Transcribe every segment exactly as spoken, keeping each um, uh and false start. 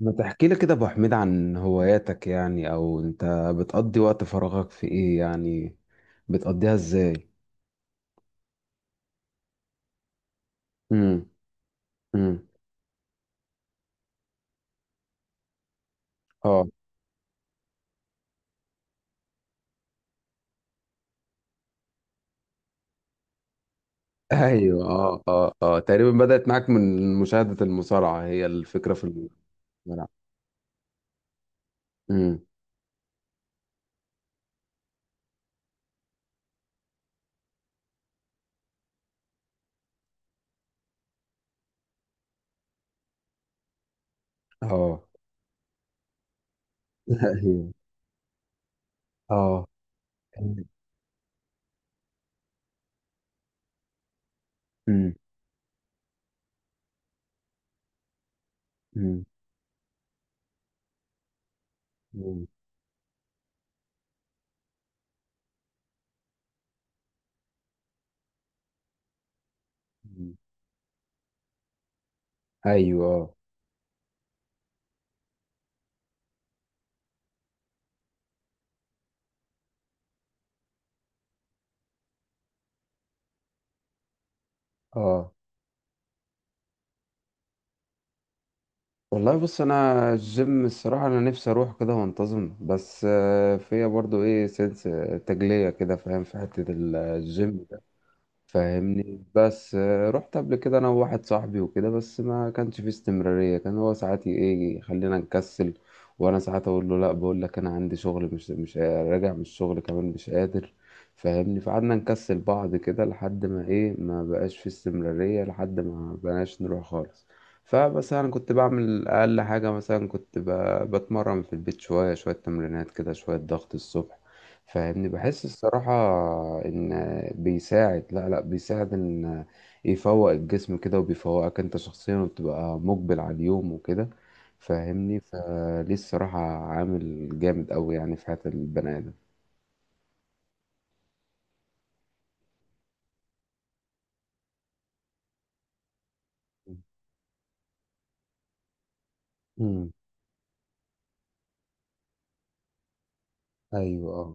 ما تحكي لي كده يا ابو حميد عن هواياتك، يعني؟ او انت بتقضي وقت فراغك في ايه يعني؟ بتقضيها ازاي؟ امم. امم. اه. ايوه، اه، اه، اه، تقريبا بدأت معاك من مشاهدة المصارعة، هي الفكرة في الملعب. امم. اه. ايوه، اه. امم. امم. أمم. أمم. ايوه، اه، آه. والله بص، انا الجيم الصراحه انا نفسي اروح كده وانتظم، بس آه، فيا برضو ايه سنس، آه، تجليه كده فاهم، في حته الجيم. فاهمني. بس آه، رحت قبل كده انا وواحد صاحبي وكده، بس ما كانش فيه استمرارية. كان هو ساعات ي- ايه يخلينا نكسل. وانا ساعات اقول له لا، بقول لك انا عندي شغل، مش مش قا- راجع من الشغل كمان، مش قادر. فاهمني. فقعدنا نكسل بعض كده لحد ما ايه ما بقاش فيه استمرارية، لحد ما بقاش نروح خالص. فبس انا كنت بعمل اقل حاجة، مثلا كنت ب- بتمرن في البيت شوية شوية، تمرينات كده، شوية ضغط الصبح. فاهمني. بحس الصراحة إن بيساعد، لا لا، بيساعد إن يفوق الجسم كده وبيفوقك أنت شخصيا، وبتبقى مقبل على اليوم وكده. فاهمني. فليه الصراحة عامل جامد أوي يعني في حياة البني آدم. مم. أيوة، أه.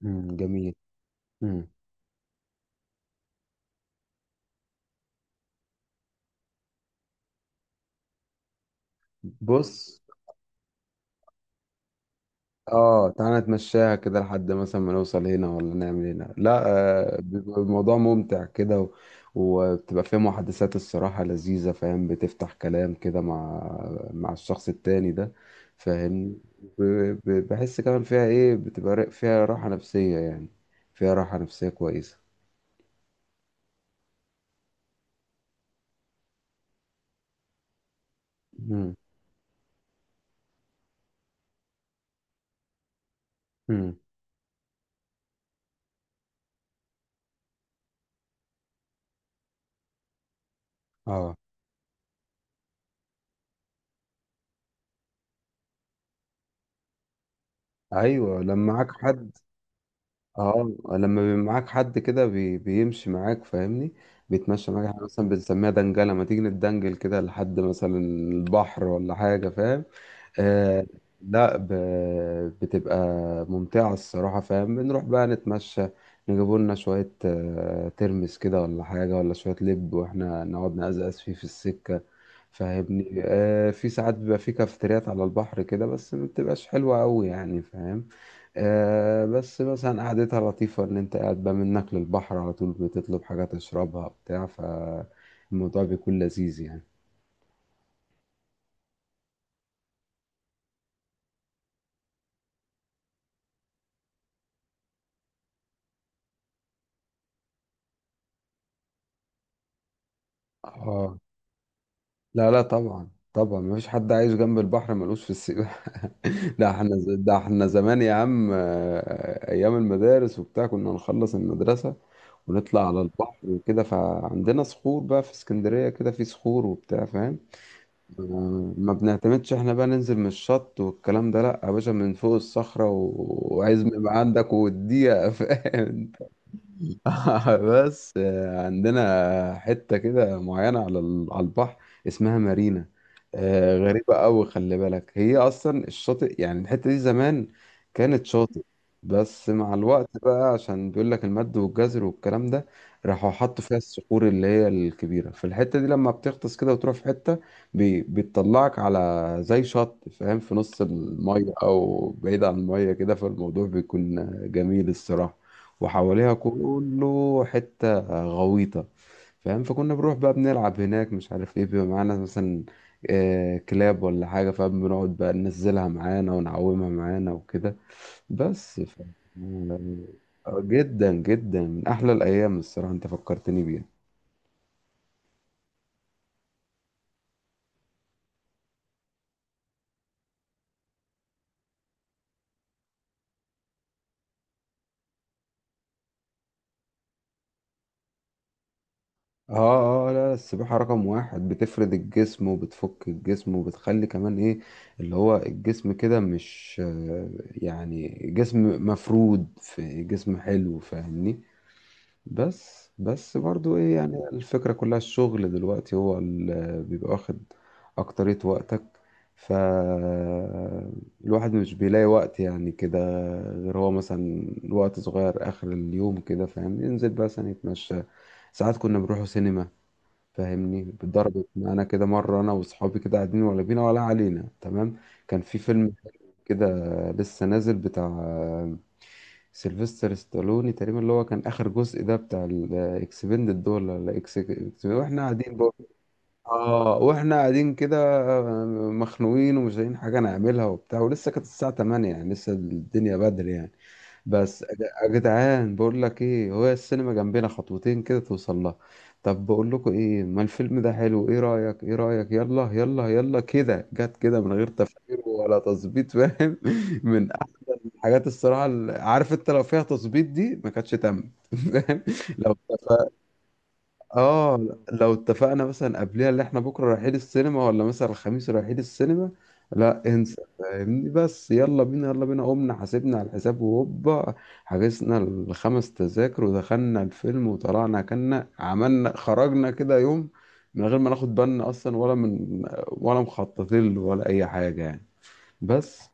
مم، جميل. مم. بص، اه، تعالى نتمشاها كده لحد مثلا ما نوصل هنا ولا نعمل هنا، لا. آه، بيبقى الموضوع ممتع كده و... وبتبقى فيه محادثات الصراحة لذيذة، فاهم؟ بتفتح كلام كده مع مع الشخص التاني ده، فاهم؟ ب... ب... بحس كمان فيها ايه، بتبقى ر- فيها راحة نفسية يعني. فيها راحة نفسية كويسة. مم. مم. اه، ايوه، لما معاك حد. اه، لما بيبقى معاك حد كده بي... بيمشي معاك، فاهمني. بيتمشى معاك. احنا مثلا بنسميها دنجله، ما تيجي نتدنجل كده لحد مثلا البحر ولا حاجه، فاهم؟ آه. لا ب... بتبقى ممتعة الصراحة، فاهم؟ بنروح بقى نتمشى، نجيبوا لنا شوية آه، ترمس كده ولا حاجة، ولا شوية لب، واحنا نقعد نقزقز فيه في السكة. فاهمني. آه في ساعات بيبقى في كافتريات على البحر كده، بس ما بتبقاش حلوة أوي يعني، فاهم؟ آه، بس مثلا قعدتها لطيفة إن أنت قاعد بقى منك للبحر على طول، بتطلب حاجة تشربها بتاع، فالموضوع بيكون لذيذ يعني. اه، لا لا، طبعا طبعا، مفيش حد عايش جنب البحر ملوش في السباحة. ده احنا ز- ده احنا زمان يا عم، آه، ايام المدارس وبتاع كنا نخلص المدرسة ونطلع على البحر وكده. فعندنا صخور بقى في اسكندرية، كده في صخور وبتاع، فاهم؟ آه، ما بنعتمدش احنا بقى ننزل من الشط والكلام ده، لا يا باشا، من فوق الصخرة و- وعزم يبقى عندك واديها فاهم؟ بس آه، عندنا حتة كده معينة على ال- على البحر اسمها مارينا. آه، غريبة أوي، خلي بالك هي أصلا الشاطئ، يعني الحتة دي زمان كانت شاطئ. بس مع الوقت بقى، عشان بيقول لك المد والجزر والكلام ده، راحوا حطوا فيها الصخور اللي هي الكبيرة، فالحتة دي لما بتغطس كده وتروح في حتة بي- بتطلعك على زي شط، فاهم؟ في نص المية أو بعيد عن المية كده، فالموضوع بيكون جميل الصراحة. وحواليها كله حتة غويطة، فاهم؟ فكنا بنروح بقى بنلعب هناك، مش عارف ايه بيبقى معانا، مثلا آه، كلاب ولا حاجة، فبنقعد بقى ننزلها معانا ونعومها معانا وكده. بس ف... آه، جدا جدا، من أحلى الأيام الصراحة، أنت فكرتني بيها. اه، اه، آه، لا، السباحة رقم واحد، بتفرد الجسم وبتفك الجسم، وبتخلي كمان ايه، اللي هو الجسم كده مش، آه، يعني جسم مفرود، في جسم حلو، فاهمني. بس بس برضو ايه يعني، الفكرة كلها الشغل دلوقتي هو اللي بيبقى واخد أكترية وقتك. فالواحد مش بيلاقي وقت يعني كده، غير هو مثلا وقت صغير آخر اليوم كده، فاهم؟ ينزل بقى مثلا يتمشى. ساعات كنا بنروحوا سينما. فاهمني. اتضربت معانا كده مرة، أنا وصحابي كده قاعدين ولا بينا ولا علينا، تمام. كان في فيلم كده لسه نازل بتاع سيلفستر ستالوني تقريبا، اللي هو كان اخر جزء ده بتاع الاكسبندد دول، ولا اكس إكس- واحنا قاعدين بقى. اه، واحنا قاعدين كده آه، مخنوقين ومش لاقيين حاجه نعملها وبتاع، ولسه كانت الساعه تمانية يعني، لسه الدنيا بدري يعني. بس يا جد- يا جدعان، بقول لك ايه، هو السينما جنبنا خطوتين كده توصل لها. طب بقول لكم ايه، ما الفيلم ده حلو، ايه رايك، ايه رايك، يلا يلا يلا، كده جت كده من غير تفكير ولا تظبيط، فاهم؟ من حاجات الصراحه، ال- عارف انت لو فيها تظبيط دي ما كانتش تمت. فاهم؟ لو اتفق... اه، لو اتفقنا مثلا قبلها اللي احنا بكره رايحين السينما، ولا مثلا الخميس رايحين السينما، لا انسى، فاهمني. بس يلا بينا، يلا بينا، قمنا حاسبنا على الحساب وهوبا، حجزنا الخمس تذاكر ودخلنا الفيلم وطلعنا، كنا عملنا خرجنا كده يوم من غير ما ناخد بالنا اصلا، ولا من ولا مخططين له، ولا اي حاجه يعني. بس،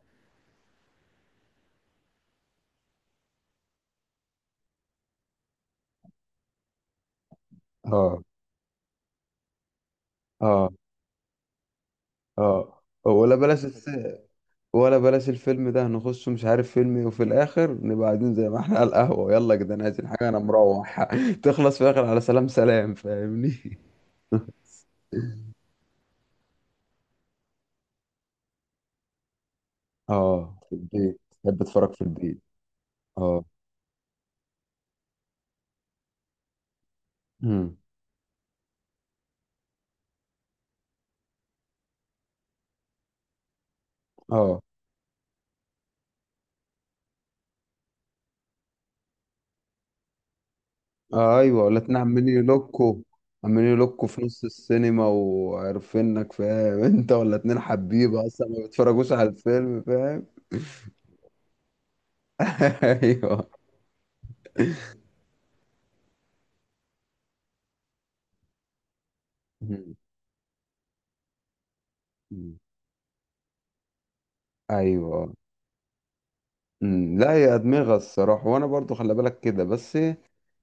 اه، اه، اه. ولا بلاش الس... ولا بلاش الفيلم ده، نخش مش عارف فيلم ايه، وفي الاخر نبقى قاعدين زي ما احنا على القهوه، يلا يا جدعان عايزين حاجه، انا مروح تخلص في الاخر على سلام سلام، فاهمني؟ اه، في البيت، تحب اتفرج في البيت. اه. امم. اه، آه، ايوه، ولا اتنين عمالين يلوكوا، عمالين يلوكوا في نص السينما وعارفينك، فاهم؟ انت ولا اتنين حبيبه اصلا ما بيتفرجوش على الفيلم، فاهم؟ ايوه. مم. مم. ايوه. مم، لا، هي أدمغة الصراحة، وأنا برضو خلي بالك كده، بس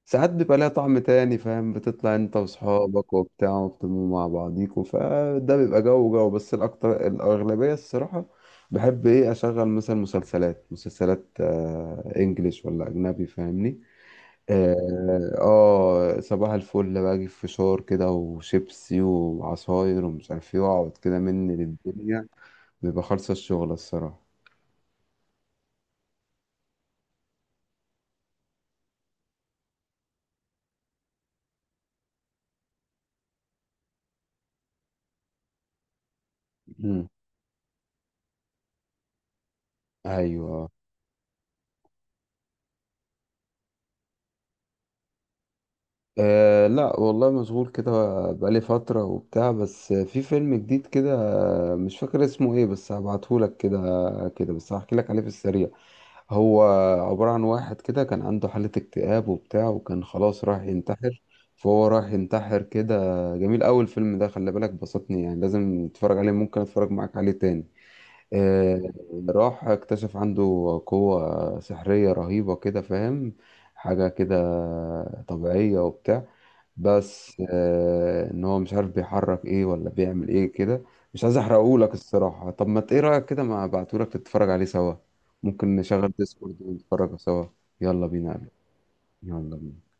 ساعات بيبقى ليها طعم تاني، فاهم؟ بتطلع أنت وصحابك وبتاع وبتبقوا مع بعضيكوا، فده بيبقى جو جو، بس الأكتر الأغلبية الصراحة بحب إيه أشغل مثلا مسلسلات مسلسلات، آه إنجليش ولا أجنبي، فاهمني. آه, آه صباح الفل، باجي في فشار كده وشيبسي وعصاير ومش عارف إيه، وأقعد كده مني للدنيا، بيبقى خالصة الشغل الصراحة. مم. أيوه، أه. لا والله، مشغول كده بقالي فترة وبتاع، بس في فيلم جديد كده مش فاكر اسمه ايه، بس هبعتهولك كده، كده بس هحكي لك عليه في السريع. هو عبارة عن واحد كده كان عنده حالة اكتئاب وبتاع، وكان خلاص راح ينتحر. فهو راح ينتحر كده. جميل أوي الفيلم ده، خلي بالك بسطني يعني، لازم تتفرج عليه، ممكن اتفرج معاك عليه تاني. أه. راح اكتشف عنده قوة سحرية رهيبة كده، فاهم؟ حاجة كده طبيعية وبتاع. بس آه ان هو مش عارف بيحرك ايه ولا بيعمل ايه كده. مش عايز احرقهولك الصراحة. طب ما ت- ايه رأيك كده، ما ابعتهولك تتفرج عليه سوا، ممكن نشغل ديسكورد ونتفرج سوا. يلا بينا يا قلبي. يلا بينا.